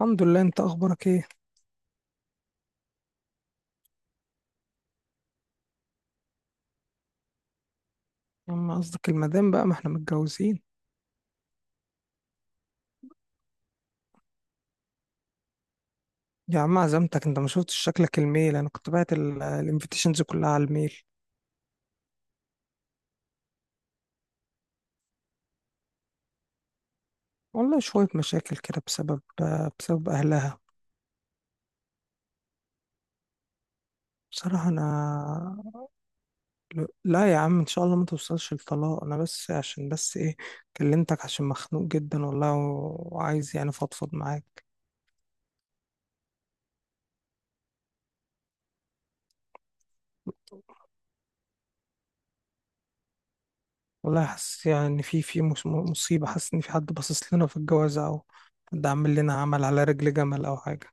الحمد لله، انت اخبارك ايه؟ يا عم قصدك المدام، بقى ما احنا متجوزين. يا عم عزمتك، انت ما شفتش شكلك الميل. انا كنت باعت الانفيتيشنز كلها على الميل. والله شوية مشاكل كده بسبب اهلها. بصراحة انا... لا يا عم، ان شاء الله ما توصلش لطلاق. انا بس عشان بس ايه، كلمتك عشان مخنوق جدا والله، وعايز يعني فضفض معاك. والله حاسس يعني ان في مصيبة. حاسس ان في حد باصص لنا في الجوازة، او حد عامل لنا عمل على رجل جمل او حاجة.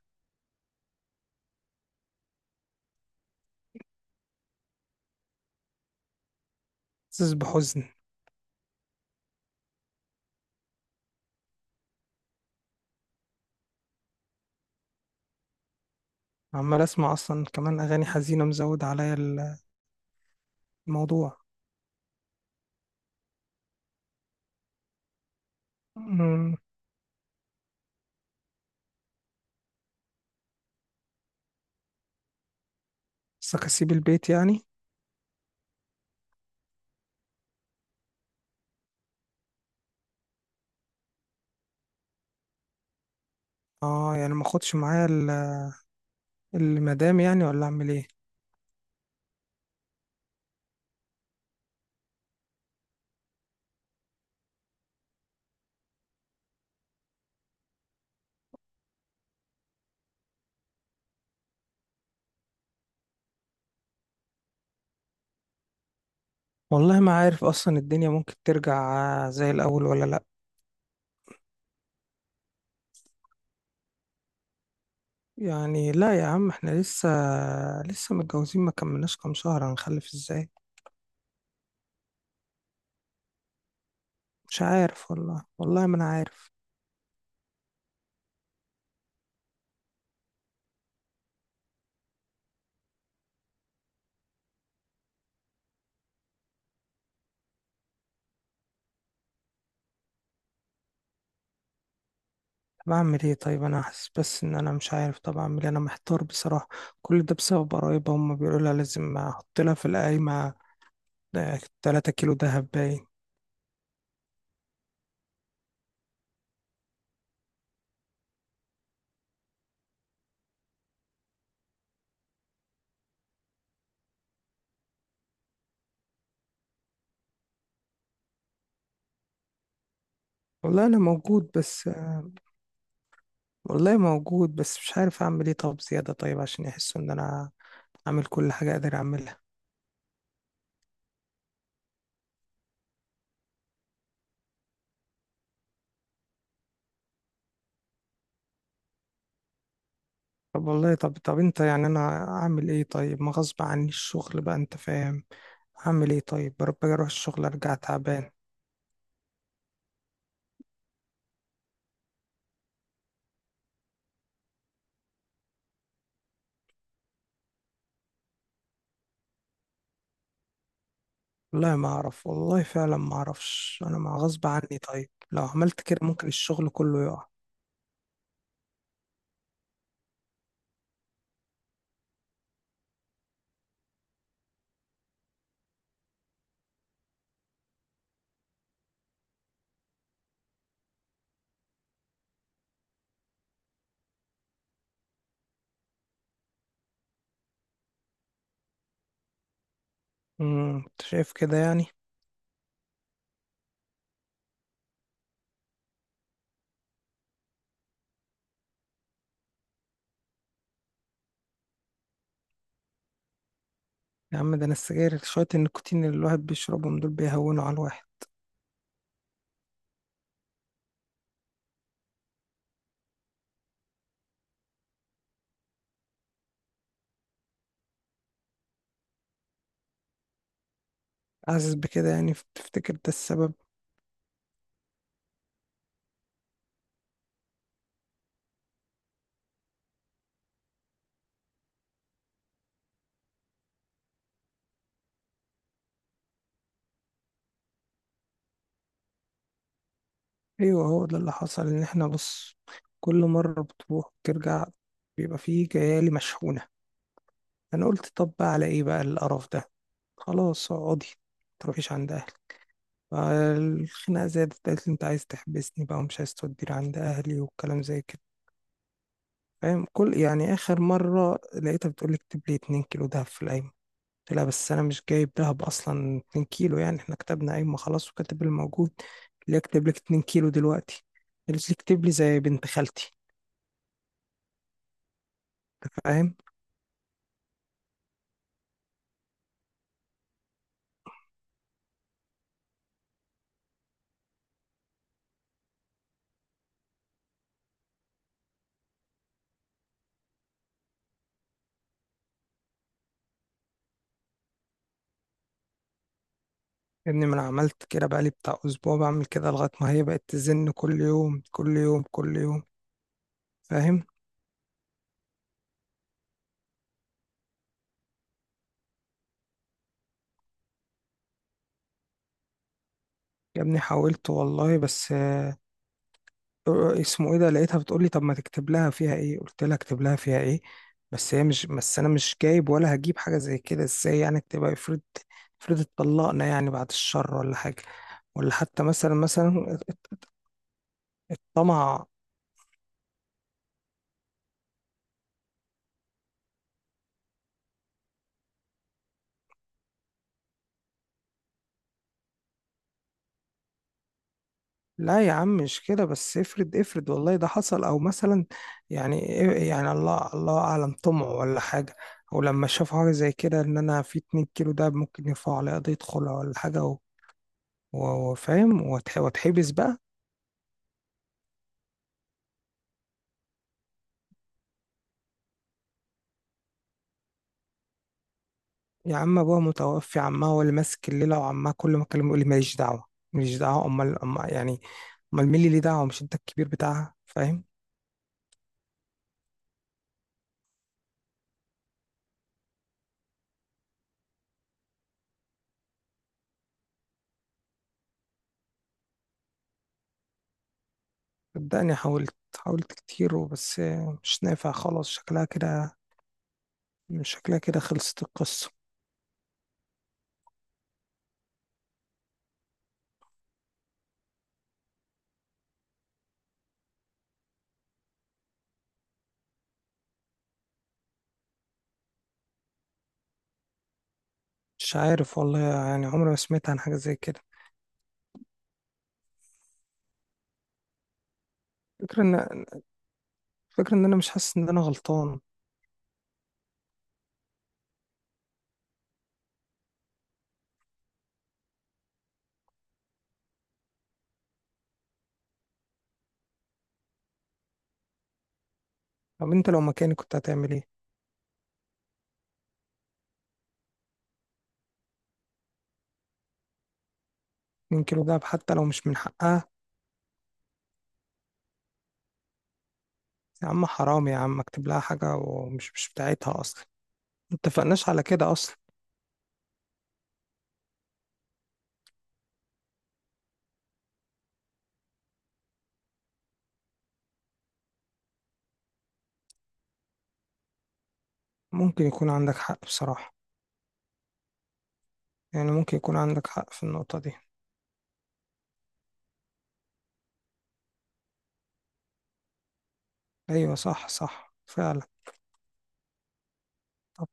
حاسس بحزن. عمال اسمع اصلا كمان اغاني حزينه، مزود عليا الموضوع. أمم، بس اسيب البيت يعني. اه يعني ما اخدش معايا المدام يعني؟ ولا اعمل ايه؟ والله ما عارف اصلا الدنيا ممكن ترجع زي الاول ولا لا. يعني لا يا عم، احنا لسه متجوزين، ما كملناش كام شهر، هنخلف ازاي؟ مش عارف والله، والله ما انا عارف. طب اعمل ايه طيب؟ انا حاسس بس ان انا مش عارف. طب اعمل ايه؟ انا محتار بصراحه. كل ده بسبب قرايبها، هم بيقولوا لها لازم احط لها في القايمه ده 3 كيلو دهب باين. والله انا موجود، بس والله موجود بس مش عارف اعمل ايه. طب زيادة طيب، عشان يحسوا ان انا اعمل كل حاجة اقدر اعملها. طب والله، طب انت يعني انا اعمل ايه طيب؟ ما غصب عني الشغل بقى، انت فاهم؟ اعمل ايه طيب؟ بروح باجي اروح الشغل ارجع تعبان. والله ما اعرف، والله فعلا ما اعرفش. انا ما غصب عني طيب، لو عملت كده ممكن الشغل كله يقع. انت شايف كده يعني؟ يا عم ده انا السجاير، شوية النيكوتين اللي الواحد بيشربهم دول بيهونوا على الواحد. حاسس بكده يعني، تفتكر ده السبب؟ ايوه، هو ده اللي حصل. ان احنا بص، كل مرة بتروح وترجع بيبقى فيه جيالي مشحونة. انا قلت طب بقى على ايه بقى القرف ده؟ خلاص اقعدي، متروحيش عند اهلي. فالخناقة زادت، قالت لي انت عايز تحبسني بقى ومش عايز توديني عند اهلي، والكلام زي كده. فاهم؟ كل يعني اخر مرة لقيتها بتقول لي اكتب لي 2 كيلو دهب في الأيمن. قلت لها بس انا مش جايب دهب اصلا 2 كيلو، يعني احنا كتبنا قايمه خلاص وكاتب اللي موجود. اللي اكتب لك 2 كيلو دلوقتي؟ قالت لي اكتب لي زي بنت خالتي. فاهم؟ ان ما انا عملت كده بقالي بتاع اسبوع بعمل كده، لغايه ما هي بقت تزن كل يوم كل يوم كل يوم. فاهم؟ يا ابني حاولت والله، بس اسمه ايه ده، لقيتها بتقول لي طب ما تكتب لها فيها ايه؟ قلت لها اكتب لها فيها ايه؟ بس هي مش، بس انا مش جايب ولا هجيب حاجه زي كده ازاي؟ يعني تبقى افرض اتطلقنا يعني، بعد الشر ولا حاجه. ولا حتى مثلا الطمع. لا يا عم مش كده، بس افرض والله ده حصل او مثلا. يعني يعني الله اعلم، طمع ولا حاجه. او لما شافوا حاجه زي كده ان انا في 2 كيلو، ده ممكن يرفعوا عليا قضيه خلع ولا حاجه، وفاهم، واتحبس بقى. يا عم ابوها متوفي، عمها هو اللي ماسك الليله، وعمها كل ما اكلمه يقول لي ماليش دعوه ماليش دعوه. امال امال يعني، امال مين اللي ليه دعوه؟ مش انت الكبير بتاعها؟ فاهم؟ صدقني، حاولت كتير وبس، مش نافع خلاص. شكلها كده، شكلها كده خلصت القصه. مش عارف والله، يعني عمري ما سمعت عن حاجه زي كده. الفكره ان الفكره ان انا مش حاسس ان انا غلطان. طب انت لو مكاني كنت هتعمل ايه؟ يمكن دهب، حتى لو مش من حقها؟ يا عم حرام يا عم، اكتب لها حاجه ومش مش بتاعتها اصلا، متفقناش على كده اصلا. ممكن يكون عندك حق بصراحة، يعني ممكن يكون عندك حق في النقطة دي. أيوة، صح صح فعلا. طب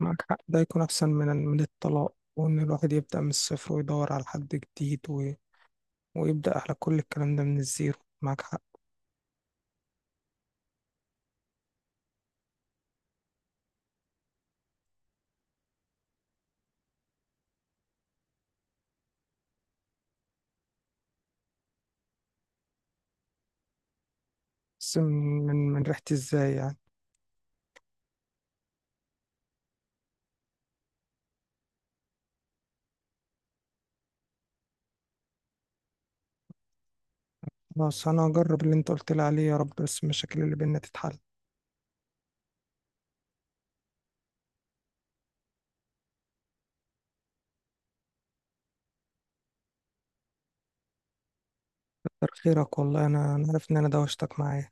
معك حق، ده يكون أحسن من الطلاق، وإن الواحد يبدأ من الصفر ويدور على حد جديد، ويبدأ على كل الكلام ده من الزيرو. معك حق. بس من ريحة ازاي يعني؟ خلاص أنا هجرب اللي أنت قلت لي عليه. يا رب بس المشاكل اللي بينا تتحل. كتر خيرك والله، أنا عارف إن أنا دوشتك معايا.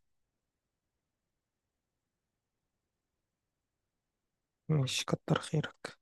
ماشي، كتر خيرك.